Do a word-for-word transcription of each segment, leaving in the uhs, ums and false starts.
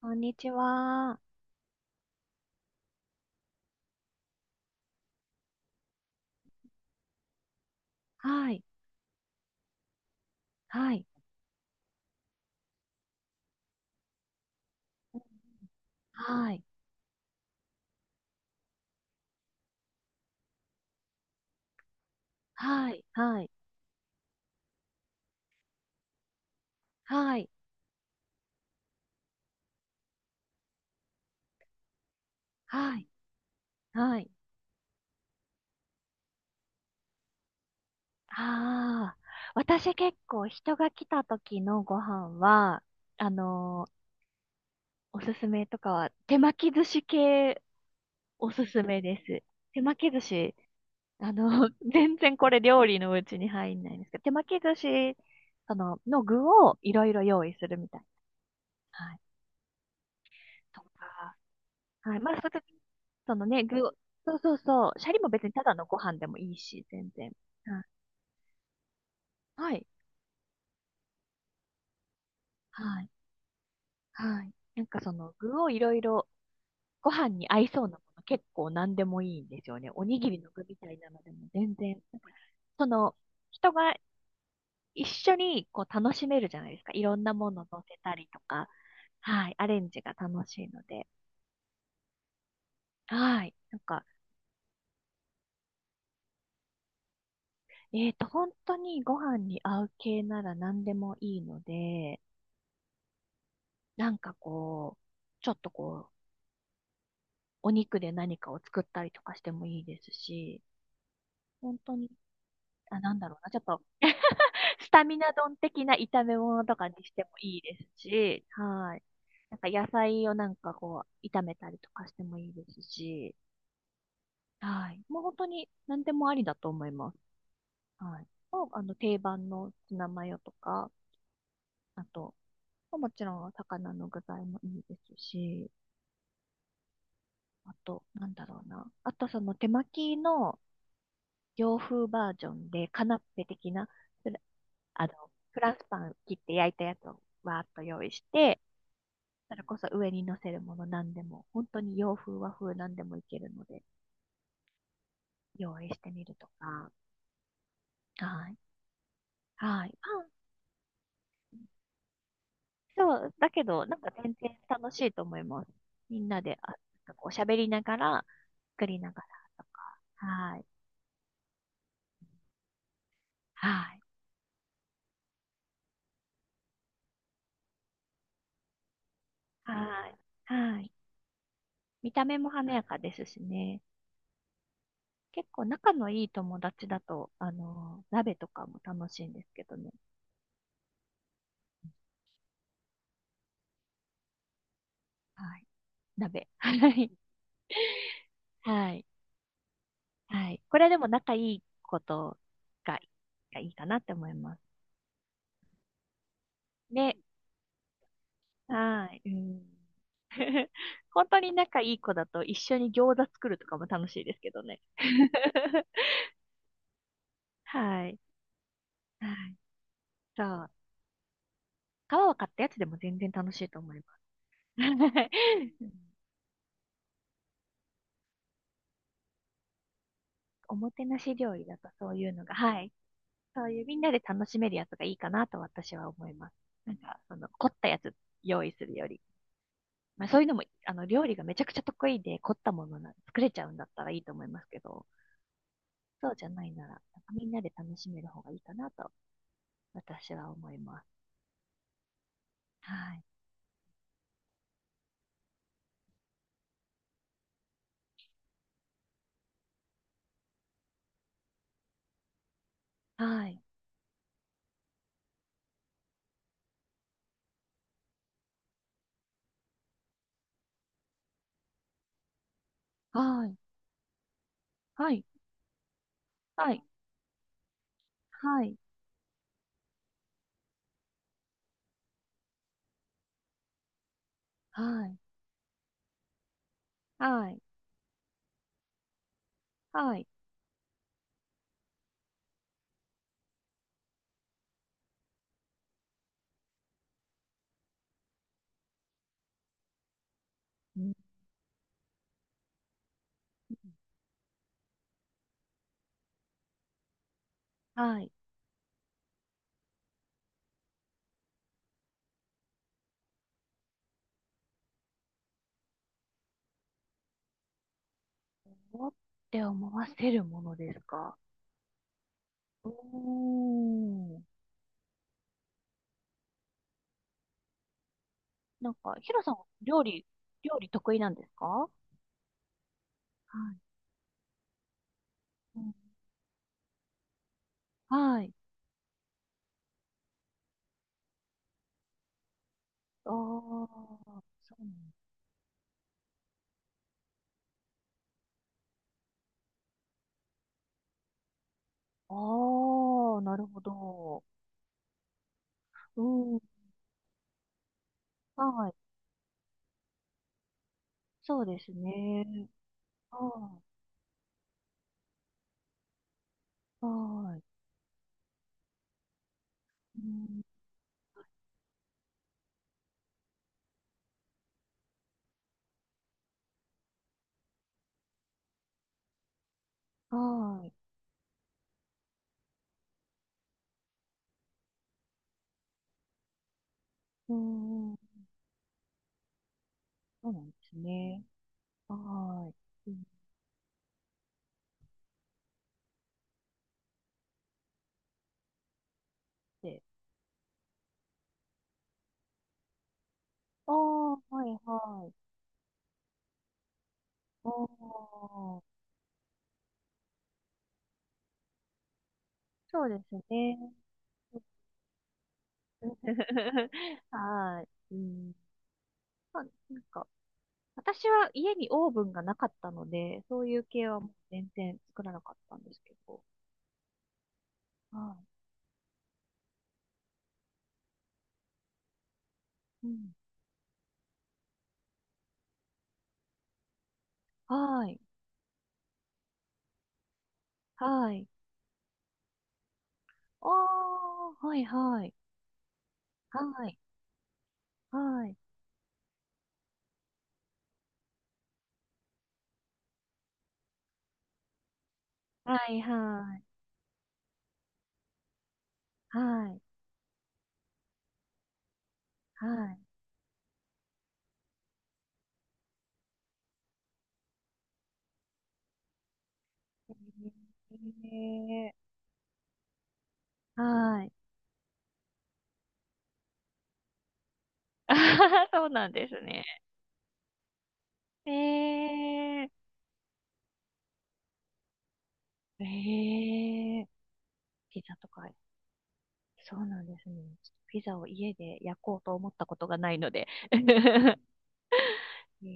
こんにちは。はい。はい。はい。はい。はい。はい。はい。はい。ああ。私結構人が来た時のご飯は、あのーおすすめとかは、手巻き寿司系おすすめです。手巻き寿司、あの、全然これ料理のうちに入んないんですけど、手巻き寿司、その、の具をいろいろ用意するみたいな。はい。とか、はい。まあ、その時、そのね、具を、そうそうそう。シャリも別にただのご飯でもいいし、全然。はい。はい。はい。なんかその具をいろいろ、ご飯に合いそうなもの結構何でもいいんですよね。おにぎりの具みたいなのでも全然。その、人が一緒にこう楽しめるじゃないですか。いろんなもの乗せたりとか。はい。アレンジが楽しいので。はい。なんか、えっと、本当にご飯に合う系なら何でもいいので、なんかこう、ちょっとこう、お肉で何かを作ったりとかしてもいいですし、本当に、あ、なんだろうな、ちょっと スタミナ丼的な炒め物とかにしてもいいですし、はい。なんか野菜をなんかこう、炒めたりとかしてもいいですし、はい。もう本当に何でもありだと思います。はい。もう、あの、定番のツナマヨとか、あと、もちろん魚の具材もいいですし、あと、なんだろうな。あと、その手巻きの、洋風バージョンで、カナッペ的な、フラあの、フランスパン切って焼いたやつをわーっと用意して、それこそ上に乗せるもの何でも、本当に洋風和風何でもいけるので、用意してみるとか。はい。はい。パン、そう、だけど、なんか全然楽しいと思います。みんなで、あ、なんかおしゃべりながら、作りながらとか。はい。はい。はい。はい。見た目も華やかですしね。結構仲のいい友達だと、あの、鍋とかも楽しいんですけどね。はい。鍋。はい。はい。はい。これでも仲いいことが、がいいかなって思います。ね。はい。うん。 本当に仲いい子だと一緒に餃子作るとかも楽しいですけどね。はい。はい。そう。皮を買ったやつでも全然楽しいと思います。うん。おもてなし料理だとそういうのが、はい、そういうみんなで楽しめるやつがいいかなと私は思います。なんか、その、凝ったやつ用意するより。まあそういうのも、あの、料理がめちゃくちゃ得意で凝ったものな、作れちゃうんだったらいいと思いますけど、そうじゃないなら、なんかみんなで楽しめる方がいいかなと私は思います。はい。はい。はい。はい。はい。はい。はい。はい。はい。うん。はい。おって思わせるものですか。おー。なんか、ヒロさん、料理、料理得意なんですか？はい。うん。はい。ああ、そうなんああー、なるほど。うん。はい。そうですね。はい。はい。うん。はい。うん。そうなんですね。はい。うん。で、ああ、はい、はい。ああ、そうですね。はい。うん。まあ、なんか、私は家にオーブンがなかったので、そういう系はもう全然作らなかったんですけど。はい。うん。はい。はい。ああ、はいはい。はい。はい。はいはい。はい。はい。えー、はい。あははそうなんですね。えー、えー、ピザとか、そうなんですね。ピザを家で焼こうと思ったことがないので。え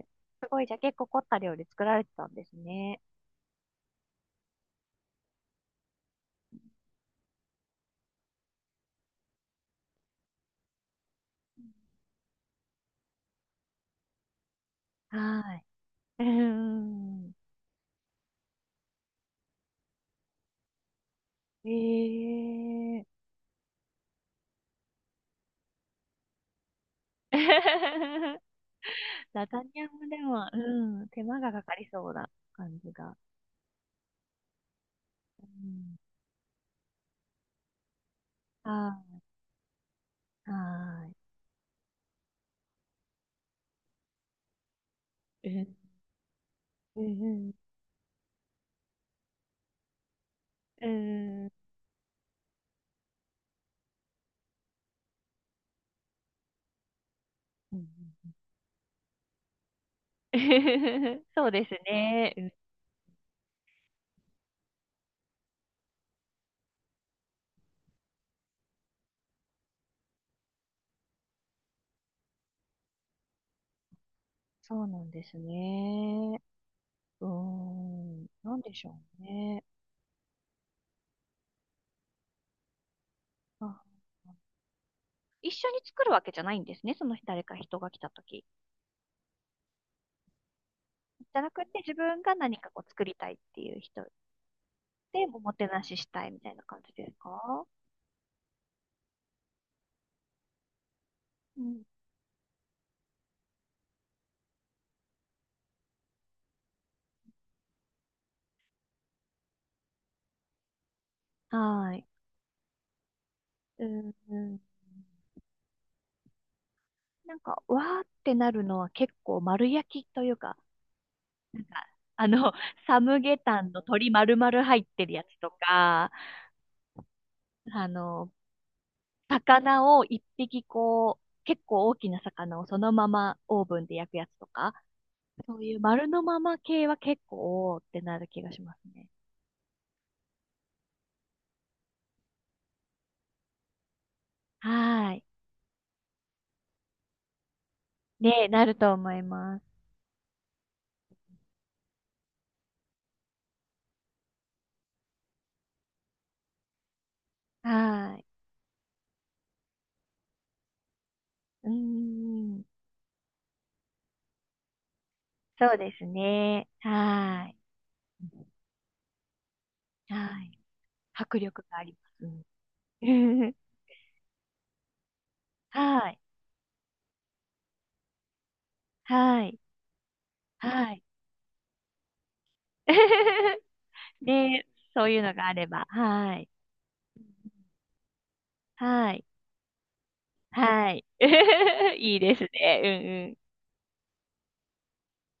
えすごい、じゃあ結構凝った料理作られてたんですね。はい。うん。ええ ラザニアもでも、うん、手間がかかりそうな感じが。うん。はい。はい。うん。うん。うん。うん。 そうですね。うん。そうなんですね。うーん。なんでしょうね。あ。一緒に作るわけじゃないんですね、その誰か人が来た時。じゃなくて、自分が何かこう作りたいっていう人で、おもてなししたいみたいな感じですか？うん。はい。うん、うん。なんか、わーってなるのは結構丸焼きというか、なんか、あの、サムゲタンの鶏丸々入ってるやつとか、あの、魚を一匹こう、結構大きな魚をそのままオーブンで焼くやつとか、そういう丸のまま系は結構、おーってなる気がしますね。はーい。ね、なると思います。はーい。うーん。そうですね。はーい。はーい。迫力があります。うん。 はーい。はーい。はーい。ね、そういうのがあれば。はーい。はーい。はーい。いいですね。うんうん。